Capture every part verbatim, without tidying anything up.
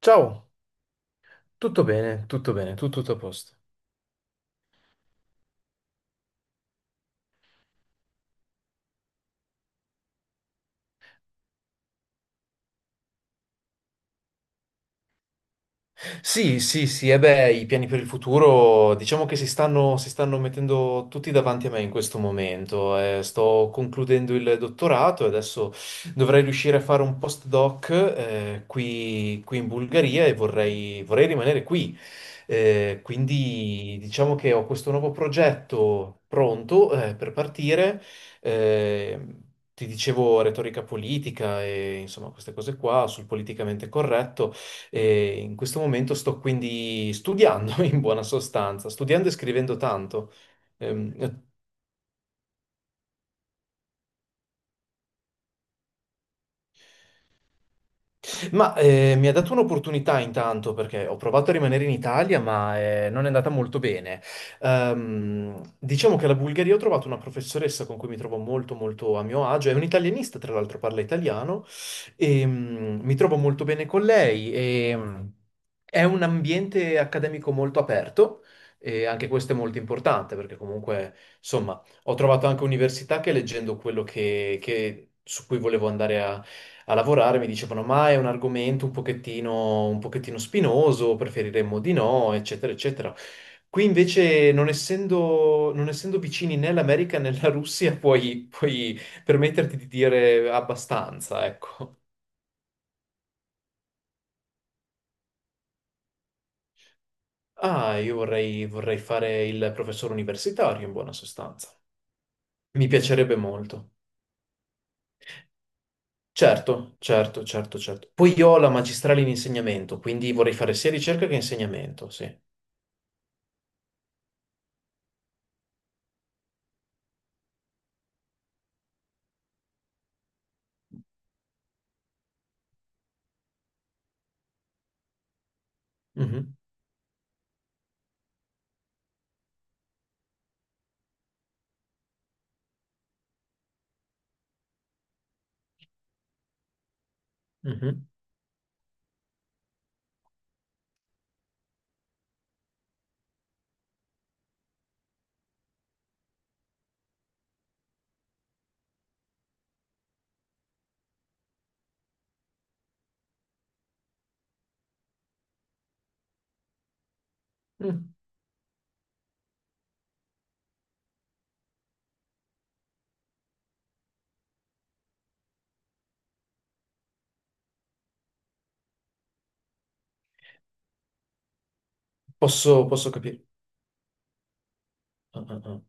Ciao, tutto bene, tutto bene, tutto, tutto a posto. Sì, sì, sì, e beh, i piani per il futuro diciamo che si stanno, si stanno mettendo tutti davanti a me in questo momento. Eh, sto concludendo il dottorato e adesso dovrei riuscire a fare un postdoc eh, qui, qui in Bulgaria e vorrei, vorrei rimanere qui. Eh, quindi diciamo che ho questo nuovo progetto pronto eh, per partire. Eh, Ti dicevo retorica politica e insomma queste cose qua sul politicamente corretto. E in questo momento sto quindi studiando, in buona sostanza, studiando e scrivendo tanto. Ehm, ma eh, Mi ha dato un'opportunità intanto perché ho provato a rimanere in Italia, ma eh, non è andata molto bene. Ehm, diciamo che alla Bulgaria ho trovato una professoressa con cui mi trovo molto molto a mio agio, è un'italianista, tra l'altro parla italiano, e mm, mi trovo molto bene con lei. E, mm, È un ambiente accademico molto aperto e anche questo è molto importante perché comunque, insomma, ho trovato anche università che leggendo quello che, che- su cui volevo andare a, a lavorare mi dicevano ma è un argomento un pochettino, un pochettino spinoso, preferiremmo di no, eccetera, eccetera. Qui invece, non essendo, non essendo vicini né l'America né la Russia, puoi, puoi permetterti di dire abbastanza, ecco. Ah, io vorrei, vorrei fare il professore universitario in buona sostanza. Mi piacerebbe molto. Certo, certo, certo, certo. Poi io ho la magistrale in insegnamento, quindi vorrei fare sia ricerca che insegnamento, sì. Mhm, mhm. Mm. Posso, posso capire. Ah, ah, ah.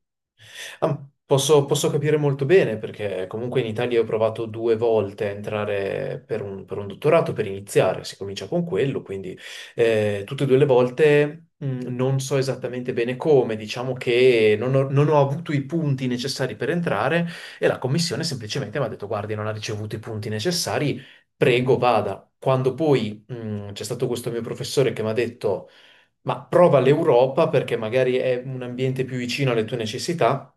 Ah, posso, posso capire molto bene perché comunque in Italia ho provato due volte a entrare per un, per un dottorato per iniziare, si comincia con quello, quindi eh, tutte e due le volte mh, non so esattamente bene come, diciamo che non ho, non ho avuto i punti necessari per entrare e la commissione semplicemente mi ha detto guardi, non ha ricevuto i punti necessari, prego vada. Quando poi mh, c'è stato questo mio professore che mi ha detto ma prova l'Europa perché magari è un ambiente più vicino alle tue necessità.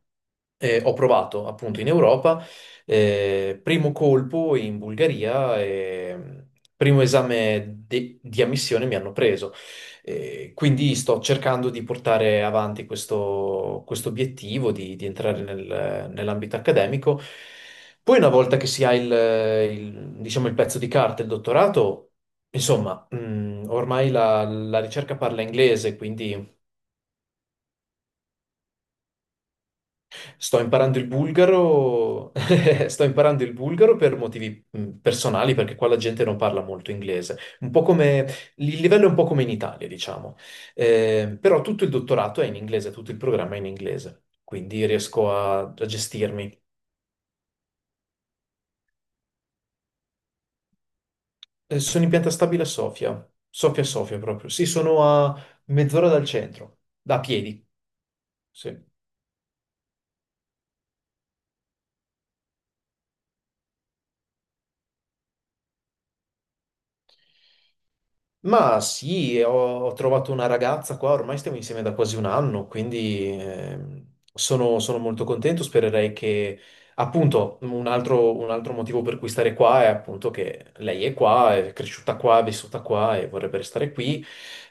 Eh, ho provato appunto in Europa, eh, primo colpo in Bulgaria, e primo esame de- di ammissione mi hanno preso. Eh, quindi sto cercando di portare avanti questo, questo obiettivo di, di entrare nel- nell'ambito accademico. Poi, una volta che si ha il, il- diciamo, il pezzo di carta, il dottorato. Insomma, mm, ormai la, la ricerca parla inglese, quindi sto imparando il bulgaro, sto imparando il bulgaro per motivi mm, personali, perché qua la gente non parla molto inglese. Un po' come, il livello è un po' come in Italia, diciamo. Eh, però tutto il dottorato è in inglese, tutto il programma è in inglese, quindi riesco a, a gestirmi. Eh, sono in pianta stabile a Sofia, Sofia, Sofia proprio. Sì, sono a mezz'ora dal centro, da piedi, sì. Ma sì, ho, ho trovato una ragazza qua, ormai stiamo insieme da quasi un anno, quindi ehm, sono, sono molto contento. Spererei che, appunto, un altro, un altro motivo per cui stare qua è appunto che lei è qua, è cresciuta qua, è vissuta qua e vorrebbe restare qui.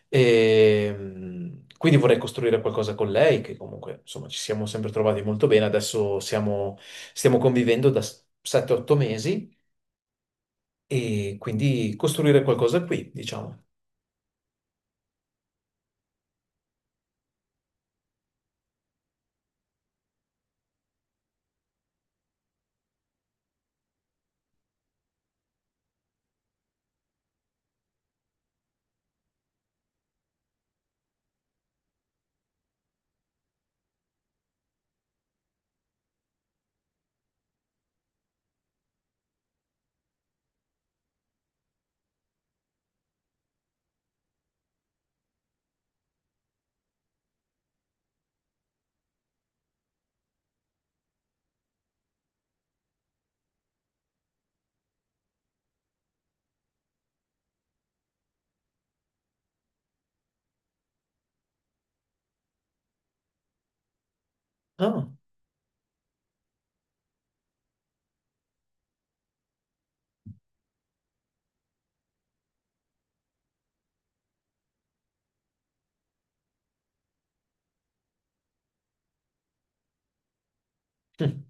E, mm, quindi vorrei costruire qualcosa con lei, che comunque, insomma, ci siamo sempre trovati molto bene. Adesso siamo, stiamo convivendo da sette otto mesi e quindi costruire qualcosa qui, diciamo. Ah. Hm.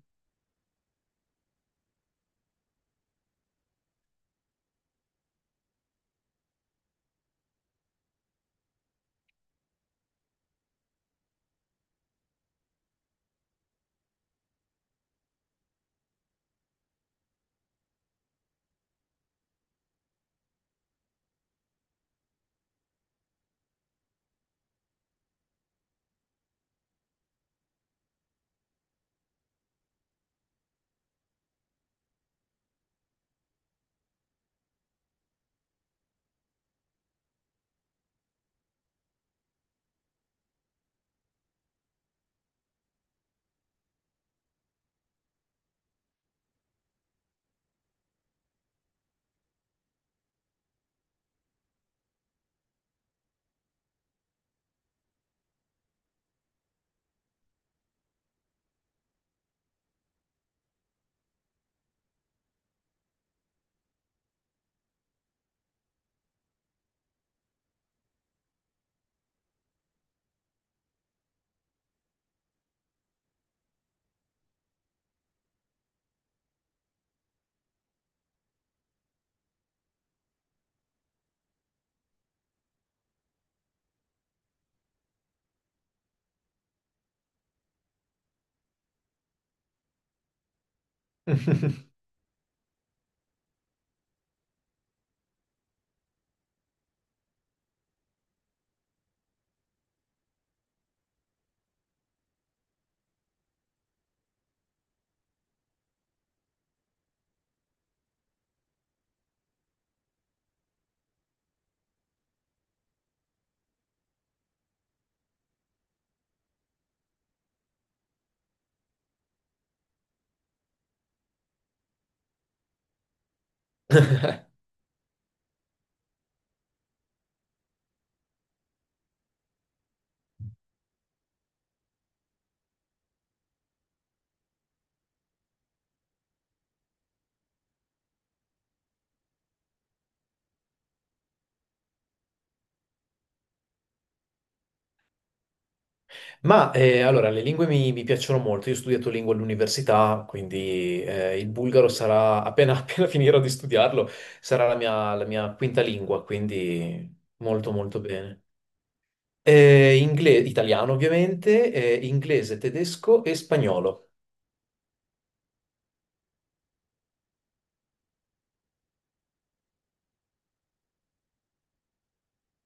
Ma eh, allora, le lingue mi, mi piacciono molto. Io ho studiato lingue all'università, quindi eh, il bulgaro sarà, appena, appena finirò di studiarlo, sarà la mia, la mia quinta lingua, quindi molto molto bene. Eh, ingle- italiano ovviamente, eh, inglese, tedesco e spagnolo.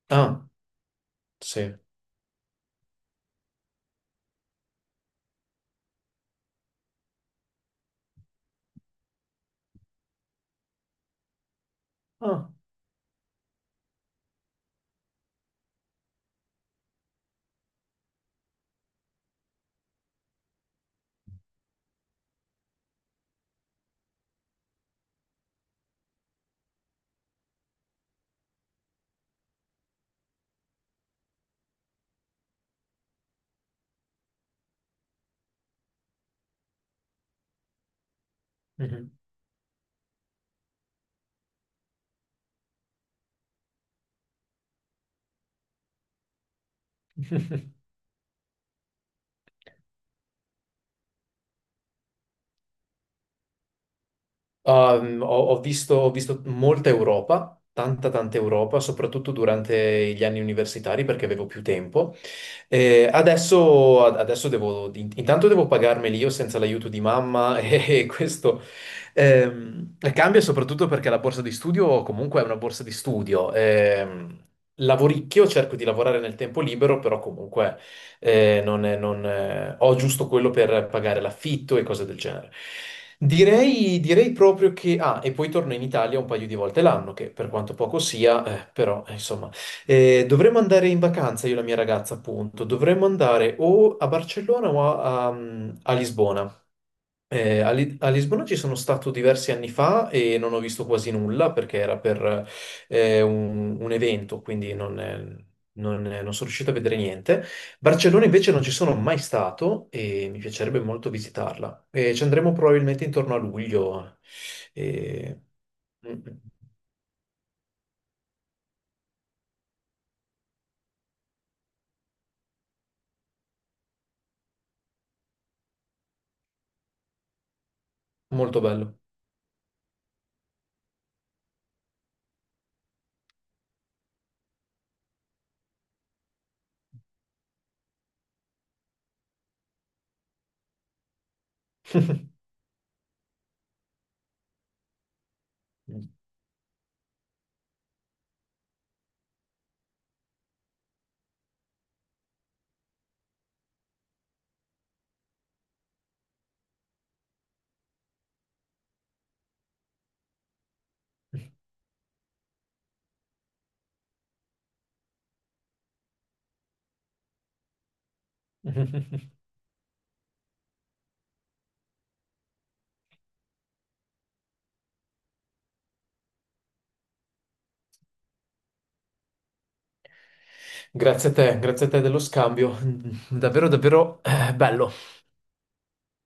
Ah, sì. Ah, mhm. Um, ho, ho visto, ho visto molta Europa, tanta tanta Europa, soprattutto durante gli anni universitari perché avevo più tempo. Eh, adesso, adesso devo, in- intanto devo pagarmeli io senza l'aiuto di mamma e questo ehm, cambia soprattutto perché la borsa di studio comunque è una borsa di studio. Ehm, lavoricchio, cerco di lavorare nel tempo libero, però comunque eh, non è- non, eh, ho giusto quello per pagare l'affitto e cose del genere. Direi, direi proprio che... Ah, e poi torno in Italia un paio di volte l'anno, che per quanto poco sia, eh, però insomma... Eh, dovremmo andare in vacanza, io e la mia ragazza, appunto. Dovremmo andare o a Barcellona o a, a- a Lisbona. Eh, a, Li- a Lisbona ci sono stato diversi anni fa e non ho visto quasi nulla perché era per eh, un, un evento, quindi non, eh, non, eh, non sono riuscito a vedere niente. Barcellona invece non ci sono mai stato e mi piacerebbe molto visitarla. E ci andremo probabilmente intorno a luglio. E- mm, mm, Molto bello. Grazie a te, grazie a te dello scambio. Davvero, davvero eh, bello.